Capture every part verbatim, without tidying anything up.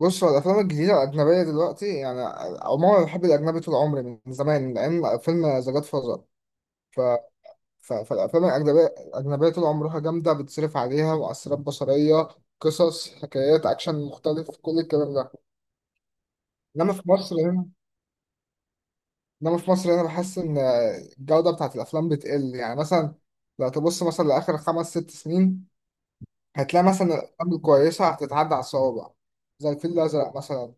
بص، هو الافلام الجديده الاجنبيه دلوقتي يعني عموما انا بحب الاجنبي طول عمري من زمان لان فيلم ذا جاد فازر. ف... ف... فالافلام الاجنبيه الاجنبيه طول عمرها جامده، بتصرف عليها مؤثرات بصريه، قصص، حكايات، اكشن مختلف، كل الكلام ده. انما في مصر هنا انما في مصر هنا بحس ان الجوده بتاعت الافلام بتقل. يعني مثلا لو تبص مثلا لاخر خمس ست سنين هتلاقي مثلا الافلام الكويسه هتتعدى على الصوابع، زي الفيل الازرق مثلا،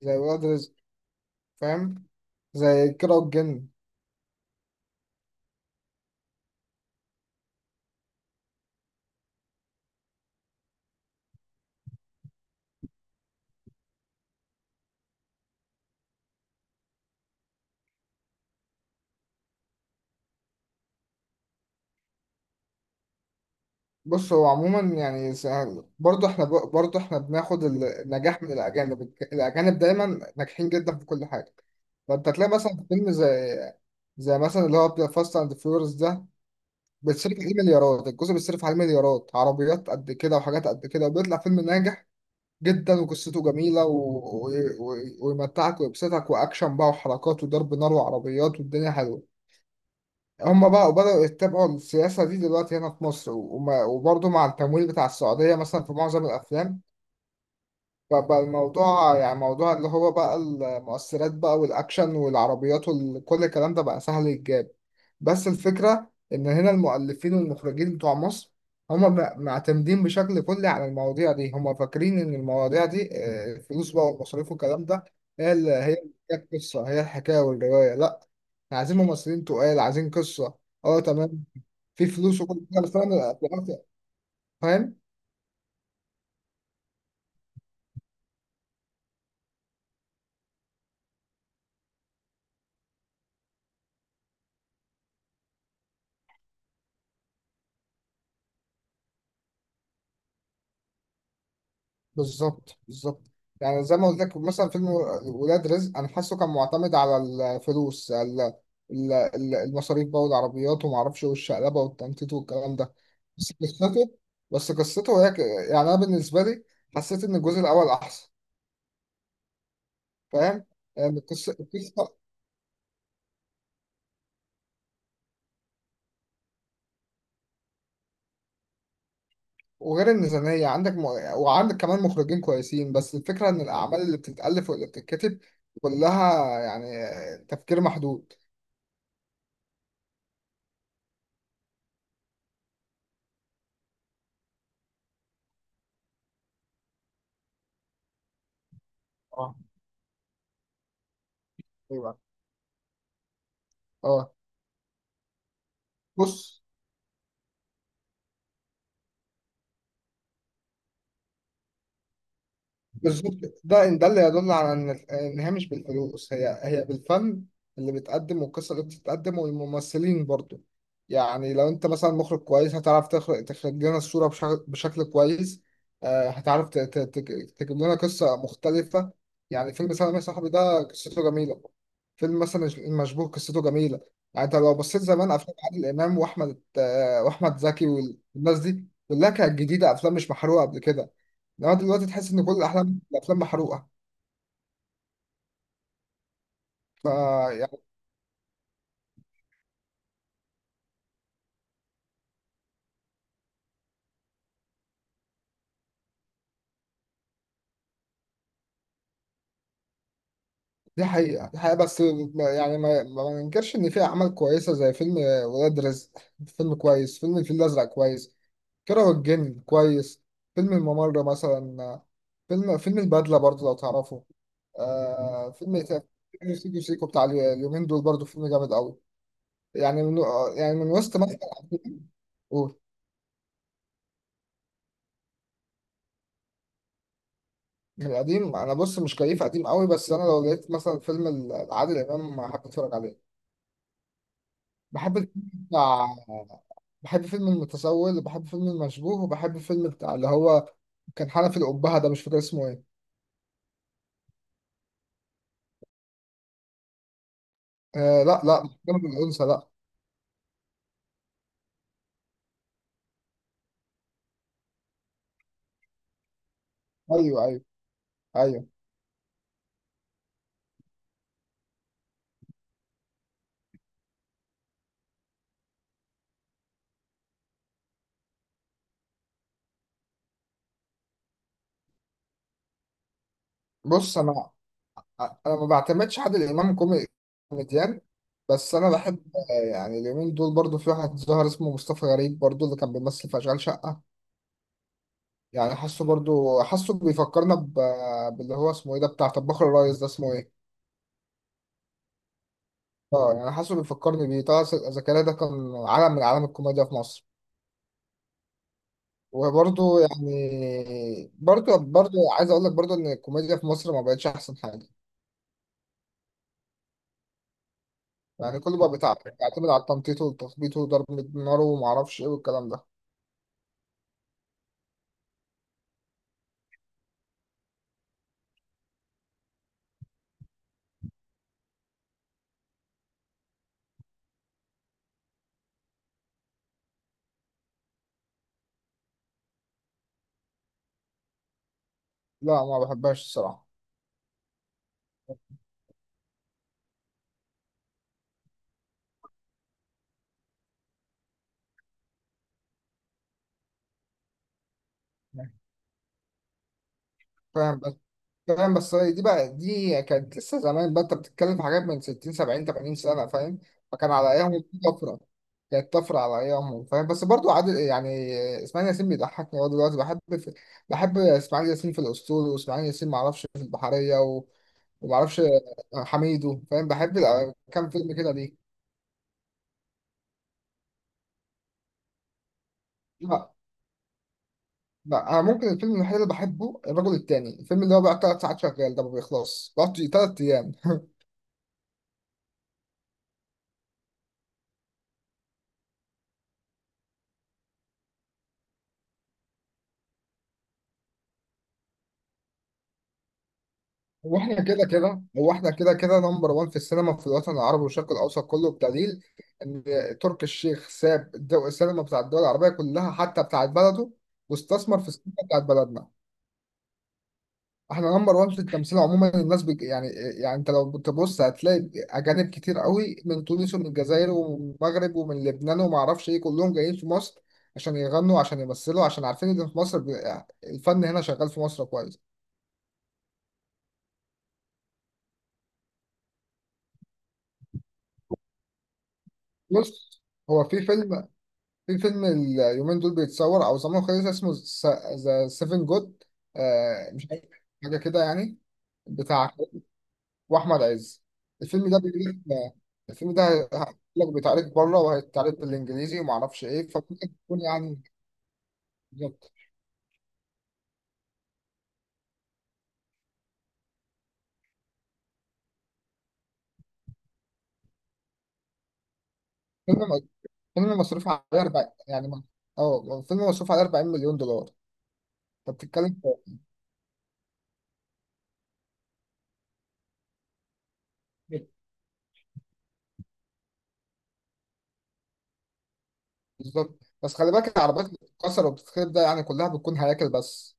زي ولاد رزق، فاهم، زي كيرة والجن. بص، هو عموما يعني س- برضه احنا ب- برضه احنا بناخد ال- النجاح من الاجانب، الك- الاجانب دايما ناجحين جدا في كل حاجه. فانت تلاقي مثلا في فيلم زي زي مثلا اللي هو فاست اند فيوريوس ده، بيتصرف عليه مليارات، الجزء بيتصرف عليه مليارات، عربيات قد كده وحاجات قد كده، وبيطلع فيلم ناجح جدا وقصته جميله و... و... و... ويمتعك ويبسطك، واكشن بقى وحركات وضرب نار وعربيات والدنيا حلوه. هم بقى بدأوا يتبعوا السياسة دي دلوقتي هنا في مصر، وما- وبرضه مع التمويل بتاع السعودية مثلا في معظم الأفلام. فبقى الموضوع يعني موضوع اللي هو بقى المؤثرات بقى والأكشن والعربيات وكل الكلام ده بقى سهل يتجاب. بس الفكرة إن هنا المؤلفين والمخرجين بتوع مصر هم م- معتمدين بشكل كلي على المواضيع دي. هم فاكرين إن المواضيع دي آه، الفلوس بقى والمصاريف والكلام ده هي اللي هي اللي بتحكي القصة، هي الحكاية والرواية. لأ، عايزين ممثلين تقال، عايزين قصة. اه، تمام. في فلوس وكل حاجه، بس انا دلوقتي فاهم. بالظبط بالظبط يعني زي ما قلت لك مثلا، فيلم ولاد رزق انا حاسه كان معتمد على الفلوس ال- ال- ال- المصاريف بقى والعربيات وما اعرفش والشقلبه والتنطيط والكلام ده. بس قصته بس قصته هي ك- يعني انا بالنسبه لي حسيت ان الجزء الاول احسن، فاهم. يعني القصه القصه وغير الميزانيه عندك م... وعندك كمان مخرجين كويسين، بس الفكره ان الاعمال اللي بتتالف واللي بتتكتب كلها يعني تفكير محدود. اه، ايوه، اه. بص، بالظبط. ده ده اللي يدل على ان ان هي مش بالفلوس، هي هي بالفن اللي بيتقدم والقصه اللي بتتقدم والممثلين برضو. يعني لو انت مثلا مخرج كويس هتعرف تخرج تخرج لنا الصوره بشكل, بشكل كويس. آه، هتعرف ت- ت- تج- تجيب لنا قصه مختلفه. يعني فيلم سلام يا صاحبي ده قصته جميله، فيلم مثلا المشبوه قصته جميله. يعني انت لو بصيت زمان افلام عادل امام واحمد آه، واحمد زكي، والناس دي كلها كانت جديده، افلام مش محروقه قبل كده. انما دلوقتي تحس ان كل الاحلام الافلام محروقه. فيعني دي حقيقه دي حقيقه بس ما- يعني ما ما ننكرش ان في اعمال كويسه، زي فيلم ولاد رزق، فيلم كويس، فيلم الفيل الازرق كويس، كيرة والجن كويس، فيلم الممر مثلا، فيلم فيلم البدله برضو لو تعرفه. آه، فيلم إيه تاني؟ فيلم سيكو سيكو بتاع اليومين دول برضو فيلم جامد قوي. يعني من يعني من وسط مثلا، قول. من القديم انا، بص، مش كيف قديم قوي، بس انا لو لقيت مثلا فيلم ال- العادل امام بحب اتفرج عليه، بحب الفيلم بتاع، بحب فيلم المتسول، وبحب فيلم المشبوه، وبحب فيلم بتاع اللي هو كان حنفي الأبهة ده، مش فاكر اسمه ايه. آه، لا لا مش جانب الأنثى، لا. أيوه، أيوه، أيوه. بص، أنا أنا ما بعتمدش حد الإمام كومي- كوميديان، بس أنا بحب آه، يعني اليومين دول برضو في واحد ظهر اسمه مصطفى غريب، برضو اللي كان بيمثل في أشغال شقة. يعني حاسه برضو، حاسه بيفكرنا ب... باللي هو اسمه ايه ده بتاع طباخ الريس ده، اسمه ايه؟ اه، يعني حاسه بيفكرني بيه. طه زكريا ده كان عالم من عالم الكوميديا في مصر. وبرضه يعني برضه برضه عايز اقول لك برضه ان الكوميديا في مصر ما بقتش احسن حاجه. يعني كله بقى بتاع- بيعتمد على التنطيط والتخبيط وضرب النار وما اعرفش ايه والكلام ده. لا، ما بحبهاش الصراحه. فاهم بس فاهم بس هي دي بقى، دي كانت لسه زمان بقى، انت بتتكلم في حاجات من ستين سبعين ثمانين سنه، فاهم، فكان على ايامهم دي طفره، كانت طفره على ايامهم، فاهم. بس برضه عادل، يعني اسماعيل ياسين بيضحكني هو دلوقتي، بحب في... بحب اسماعيل ياسين في الاسطول، واسماعيل ياسين ما اعرفش في البحريه وما اعرفش حميدو، فاهم، بحب الع- كام فيلم كده ليه. لا لا انا ممكن الفيلم الوحيد اللي بحبه الرجل التاني، الفيلم اللي هو بقى ثلاث ساعات شغال ده ما بيخلص، بقعد ثلاث ايام. هو احنا كده كده هو احنا كده كده نمبر واحد في السينما في الوطن العربي والشرق الاوسط كله، بدليل ان تركي الشيخ ساب الدو- السينما بتاع الدول العربيه كلها حتى بتاعت بلده، واستثمر في السينما بتاعت بلدنا. احنا نمبر واحد في التمثيل عموما، الناس بج... يعني يعني انت لو بتبص هتلاقي اجانب كتير قوي من تونس ومن الجزائر ومن المغرب ومن لبنان وما اعرفش ايه، كلهم جايين في مصر عشان يغنوا، عشان يمثلوا، عشان عارفين ان في مصر ب... الفن هنا شغال في مصر كويس. بص، هو في فيلم، في فيلم اليومين دول بيتصور او زمان خالص، اسمه ذا سيفن جود، مش عارف، حاجه كده يعني. بتاع واحمد عز. الفيلم ده بيقول لك الفيلم ده هيقول لك بيتعرض بره وهيتعرض بالانجليزي وما اعرفش ايه، فممكن تكون يعني. بالظبط. فيلم فيلم مصروف عليه أربعين يعني ما- اه، فيلم مصروف عليه أربعين مليون دولار. انت بتتكلم في، إيه؟ بالظبط، بس خلي بالك العربيات اللي بتتكسر وبتتخرب ده يعني كلها بتكون هياكل بس.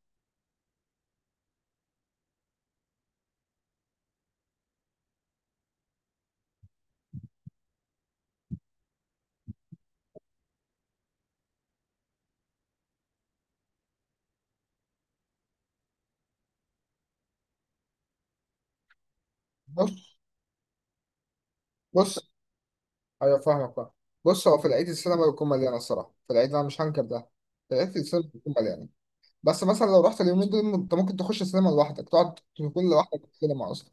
بص بص ايوه فاهمك بقى. بص، هو في العيد السينما بتكون مليانه الصراحه، في العيد انا مش هنكر ده، في العيد السينما بتكون مليانه، بس مثلا لو رحت اليومين دول انت ممكن تخش السينما لوحدك، تقعد تكون لوحدك في السينما اصلا.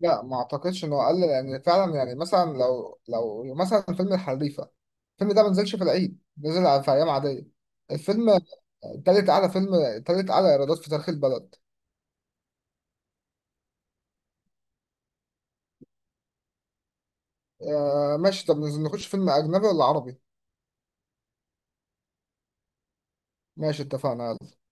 لا، ما اعتقدش انه اقل، لان فعلا يعني مثلا لو لو مثلا فيلم الحريفه، الفيلم ده ما نزلش في العيد، نزل على- في ايام عاديه. الفيلم تالت اعلى فيلم تالت اعلى ايرادات في تاريخ البلد. آه، ماشي، طب نخش فيلم اجنبي ولا عربي؟ ماشي، اتفقنا، يلا.